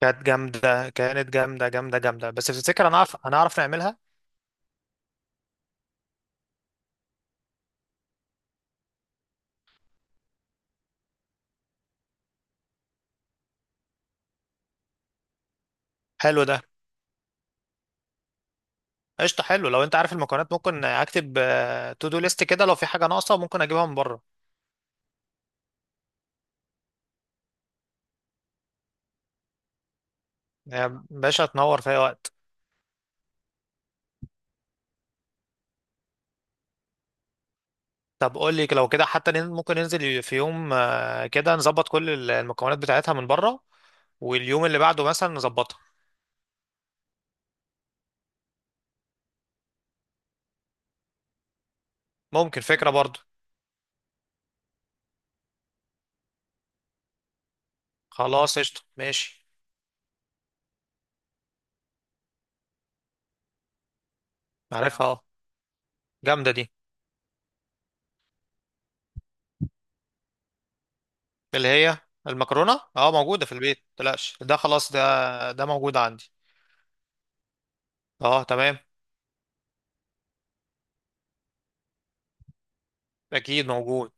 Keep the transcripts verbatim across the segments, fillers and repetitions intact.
كانت جامدة كانت جامدة جامدة جامدة. بس تفتكر هنعرف هنعرف نعملها؟ حلو ده. قشطة، حلو. لو انت عارف المكونات ممكن اكتب تو دو ليست كده، لو في حاجة ناقصة ممكن اجيبها من بره. يا باشا تنور في اي وقت. طب قول لي، لو كده حتى نن- ممكن ننزل في يوم، آه، كده نظبط كل ال- المكونات بتاعتها من بره، واليوم اللي بعده مثلا نظبطها. ممكن فكرة برضه. خلاص قشطة ماشي. عارفها اه. جامدة دي. اللي هي المكرونة اه، موجودة في البيت متقلقش، ده خلاص، ده ده موجود عندي. اه تمام. اكيد موجود.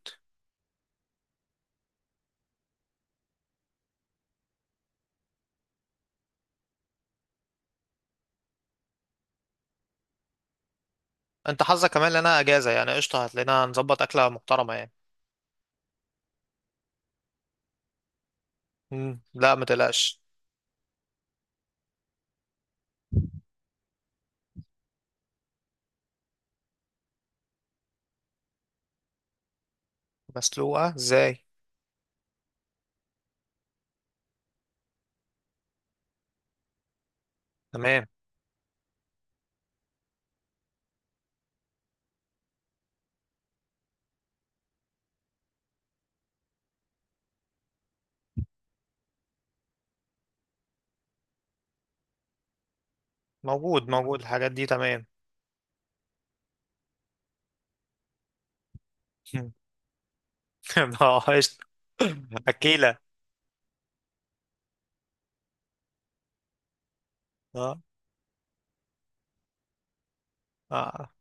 انت حظك كمان لنا اجازه يعني، قشطه. هتلاقينا نظبط اكله محترمه يعني. مم. لا ما تقلقش. مسلوقه ازاي؟ تمام، موجود موجود الحاجات دي تمام. مم. اه قشطه. اكيله. اه. اه،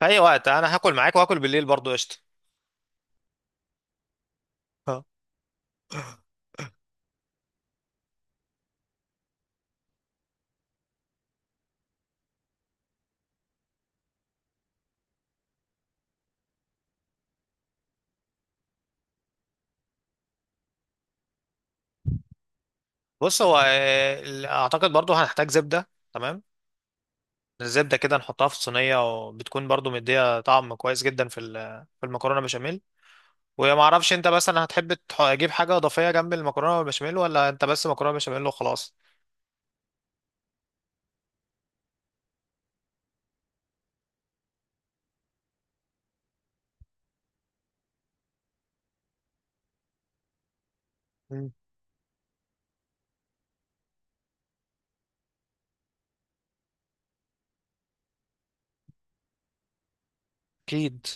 في اي وقت انا هاكل معاك، واكل بالليل برضو قشطه. آه. بص هو، آه، ال- اعتقد برضو هنحتاج زبده. تمام، الزبده كده نحطها في الصينيه، وبتكون برضو مديه طعم كويس جدا في ال- في المكرونه بشاميل. وما اعرفش انت مثلا هتحب تح- تجيب حاجه اضافيه جنب المكرونه والبشاميل، ولا انت بس مكرونه بشاميل وخلاص؟ مم. اكيد.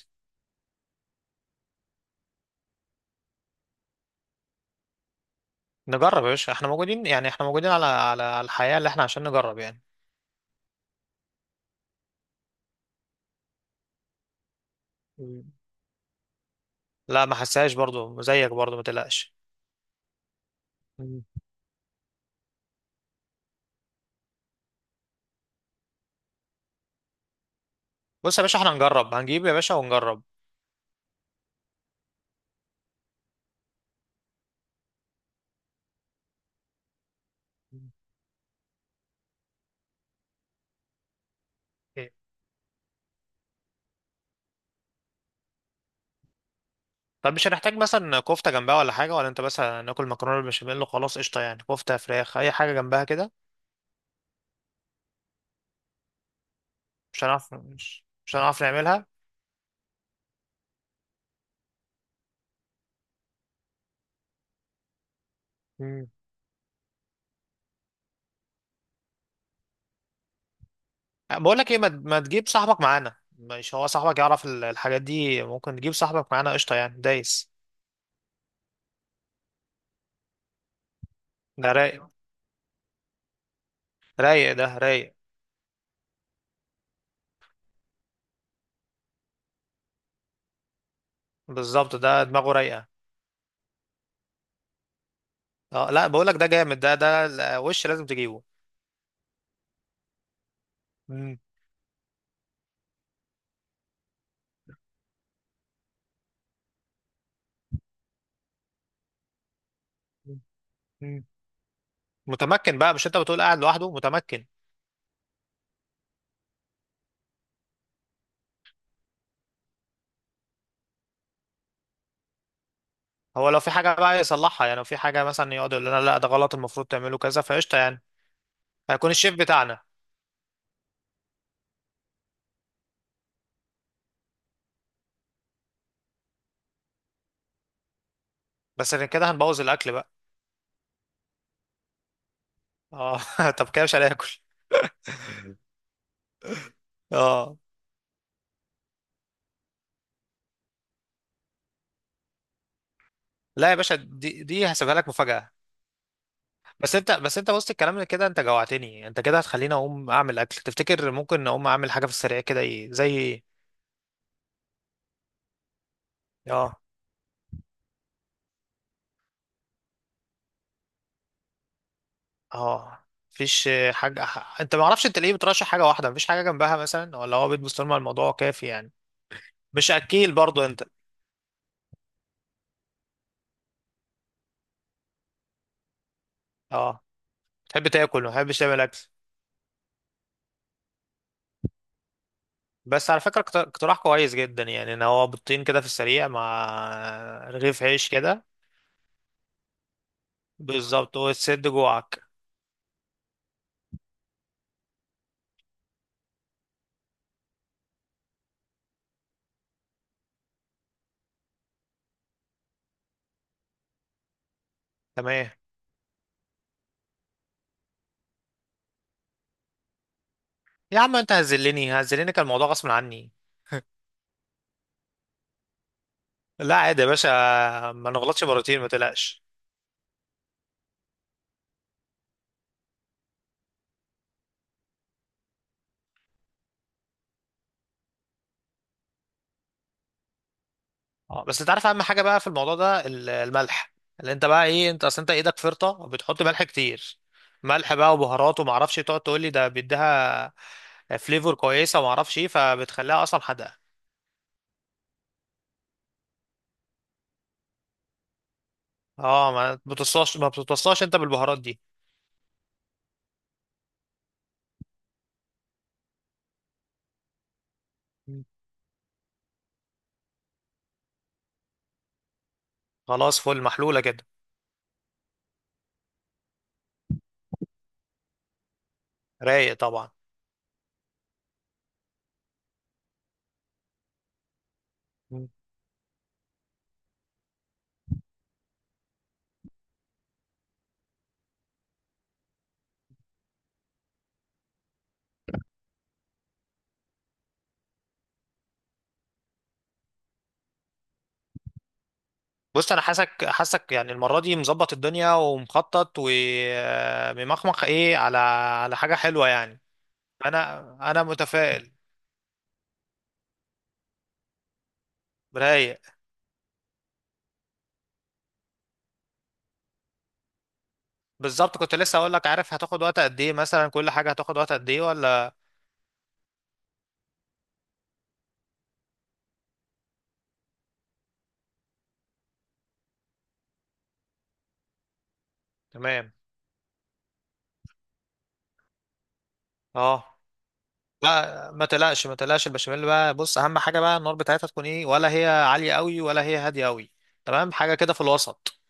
نجرب يا باشا، احنا موجودين يعني، احنا موجودين على على على الحياه اللي احنا، عشان نجرب يعني. مم. لا ما حسهاش برضو زيك، برضو ما تقلقش. مم. بص يا باشا احنا هنجرب، هنجيب يا باشا ونجرب. مم. إيه. طب مش هنحتاج مثلا كفته جنبها ولا حاجه، ولا انت بس ناكل مكرونه بالبشاميل وخلاص قشطه؟ يعني كفته، فراخ، اي حاجه جنبها كده. مش هنعرف، مش, مش هنعرف نعملها. مم. بقول لك ايه، ما ما تجيب صاحبك معانا؟ مش هو صاحبك يعرف ال- الحاجات دي، ممكن تجيب صاحبك معانا قشطه يعني دايس. ده رايق، رايق ده رايق. بالظبط، ده دماغه رايقه. اه لا، بقول لك ده جامد ده، ده ال- وش لازم تجيبه. مم. مم. متمكن بقى، مش انت بتقول قاعد لوحده متمكن. هو لو في حاجه بقى يصلحها يعني، لو في حاجه مثلا يقعد يقول لنا لا ده غلط، المفروض تعمله كذا، فقشطه يعني. هيكون الشيف بتاعنا. بس غير كده هنبوظ الاكل بقى. اه. طب كده مش هناكل؟ اه لا يا باشا، دي دي هسيبها لك مفاجاه. بس انت بس انت وسط الكلام اللي كده انت جوعتني، انت كده هتخليني اقوم اعمل اكل. تفتكر ممكن اقوم اعمل حاجه في السريع كده، ايه زي ايه؟ اه. اه. مفيش حاجه ح- انت، ما اعرفش انت ليه بترشح حاجه واحده مفيش حاجه جنبها مثلا؟ ولا هو بيت بسطرمه الموضوع كافي يعني؟ مش اكيل برضو انت؟ اه. تحب تاكل ما تحبش تعمل اكل. بس على فكره، اقت- اقتراح كويس جدا يعني، ان هو بيضتين كده في السريع مع رغيف عيش كده. بالظبط، وتسد جوعك. تمام. يا عم انت هزلني، هزلني، كان الموضوع غصب عني. لا عادي يا باشا، ما نغلطش مرتين ما تقلقش. اه. بس انت عارف اهم حاجه بقى في الموضوع ده، ال- الملح. اللي انت بقى ايه، انت اصل انت ايدك فرطه وبتحط ملح كتير، ملح بقى وبهارات، وما اعرفش تقعد تقول لي ده بيديها فليفر كويسه وما اعرفش ايه، فبتخليها اصلا حادقه. اه ما بتوصاش، ما بتوصاش انت بالبهارات دي. مم. خلاص فل، محلوله كده. رايق طبعا. مم. بص انا حاسك، حاسك يعني المره دي مظبط الدنيا ومخطط وممخمخ ايه، على على حاجه حلوه يعني. انا انا متفائل. رايق. بالظبط، كنت لسه اقول لك، عارف هتاخد وقت قد ايه؟ مثلا كل حاجه هتاخد وقت قد ايه ولا؟ تمام. اه لا ما تقلقش، ما تقلقش. البشاميل بقى، بص اهم حاجه بقى النار بتاعتها تكون ايه، ولا هي عاليه قوي، ولا هي هاديه قوي. تمام، حاجه كده في الوسط.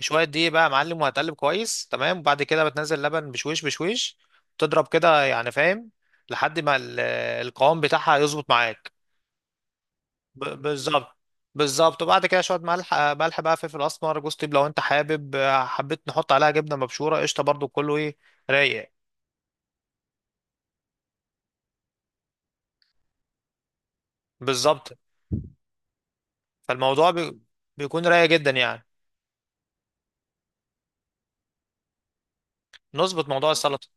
شويه دقيق بقى يا معلم، وهتقلب كويس تمام، وبعد كده بتنزل لبن بشويش بشويش، تضرب كده يعني، فاهم، لحد ما ال- القوام بتاعها يظبط معاك. ب- بالظبط، بالظبط. وبعد كده شويه ملح، آه، ملح بقى، فلفل اسمر، جوز طيب، لو انت حابب آه، حبيت نحط عليها جبنه مبشوره قشطه برضو كله، ايه. رايق. بالظبط. فالموضوع بي... بيكون رايق جدا يعني. نظبط موضوع السلطه.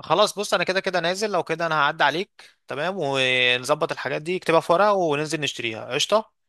خلاص، بص انا كده كده نازل، لو كده انا هعدي عليك، تمام ونظبط الحاجات دي، اكتبها في ورقه وننزل نشتريها قشطه.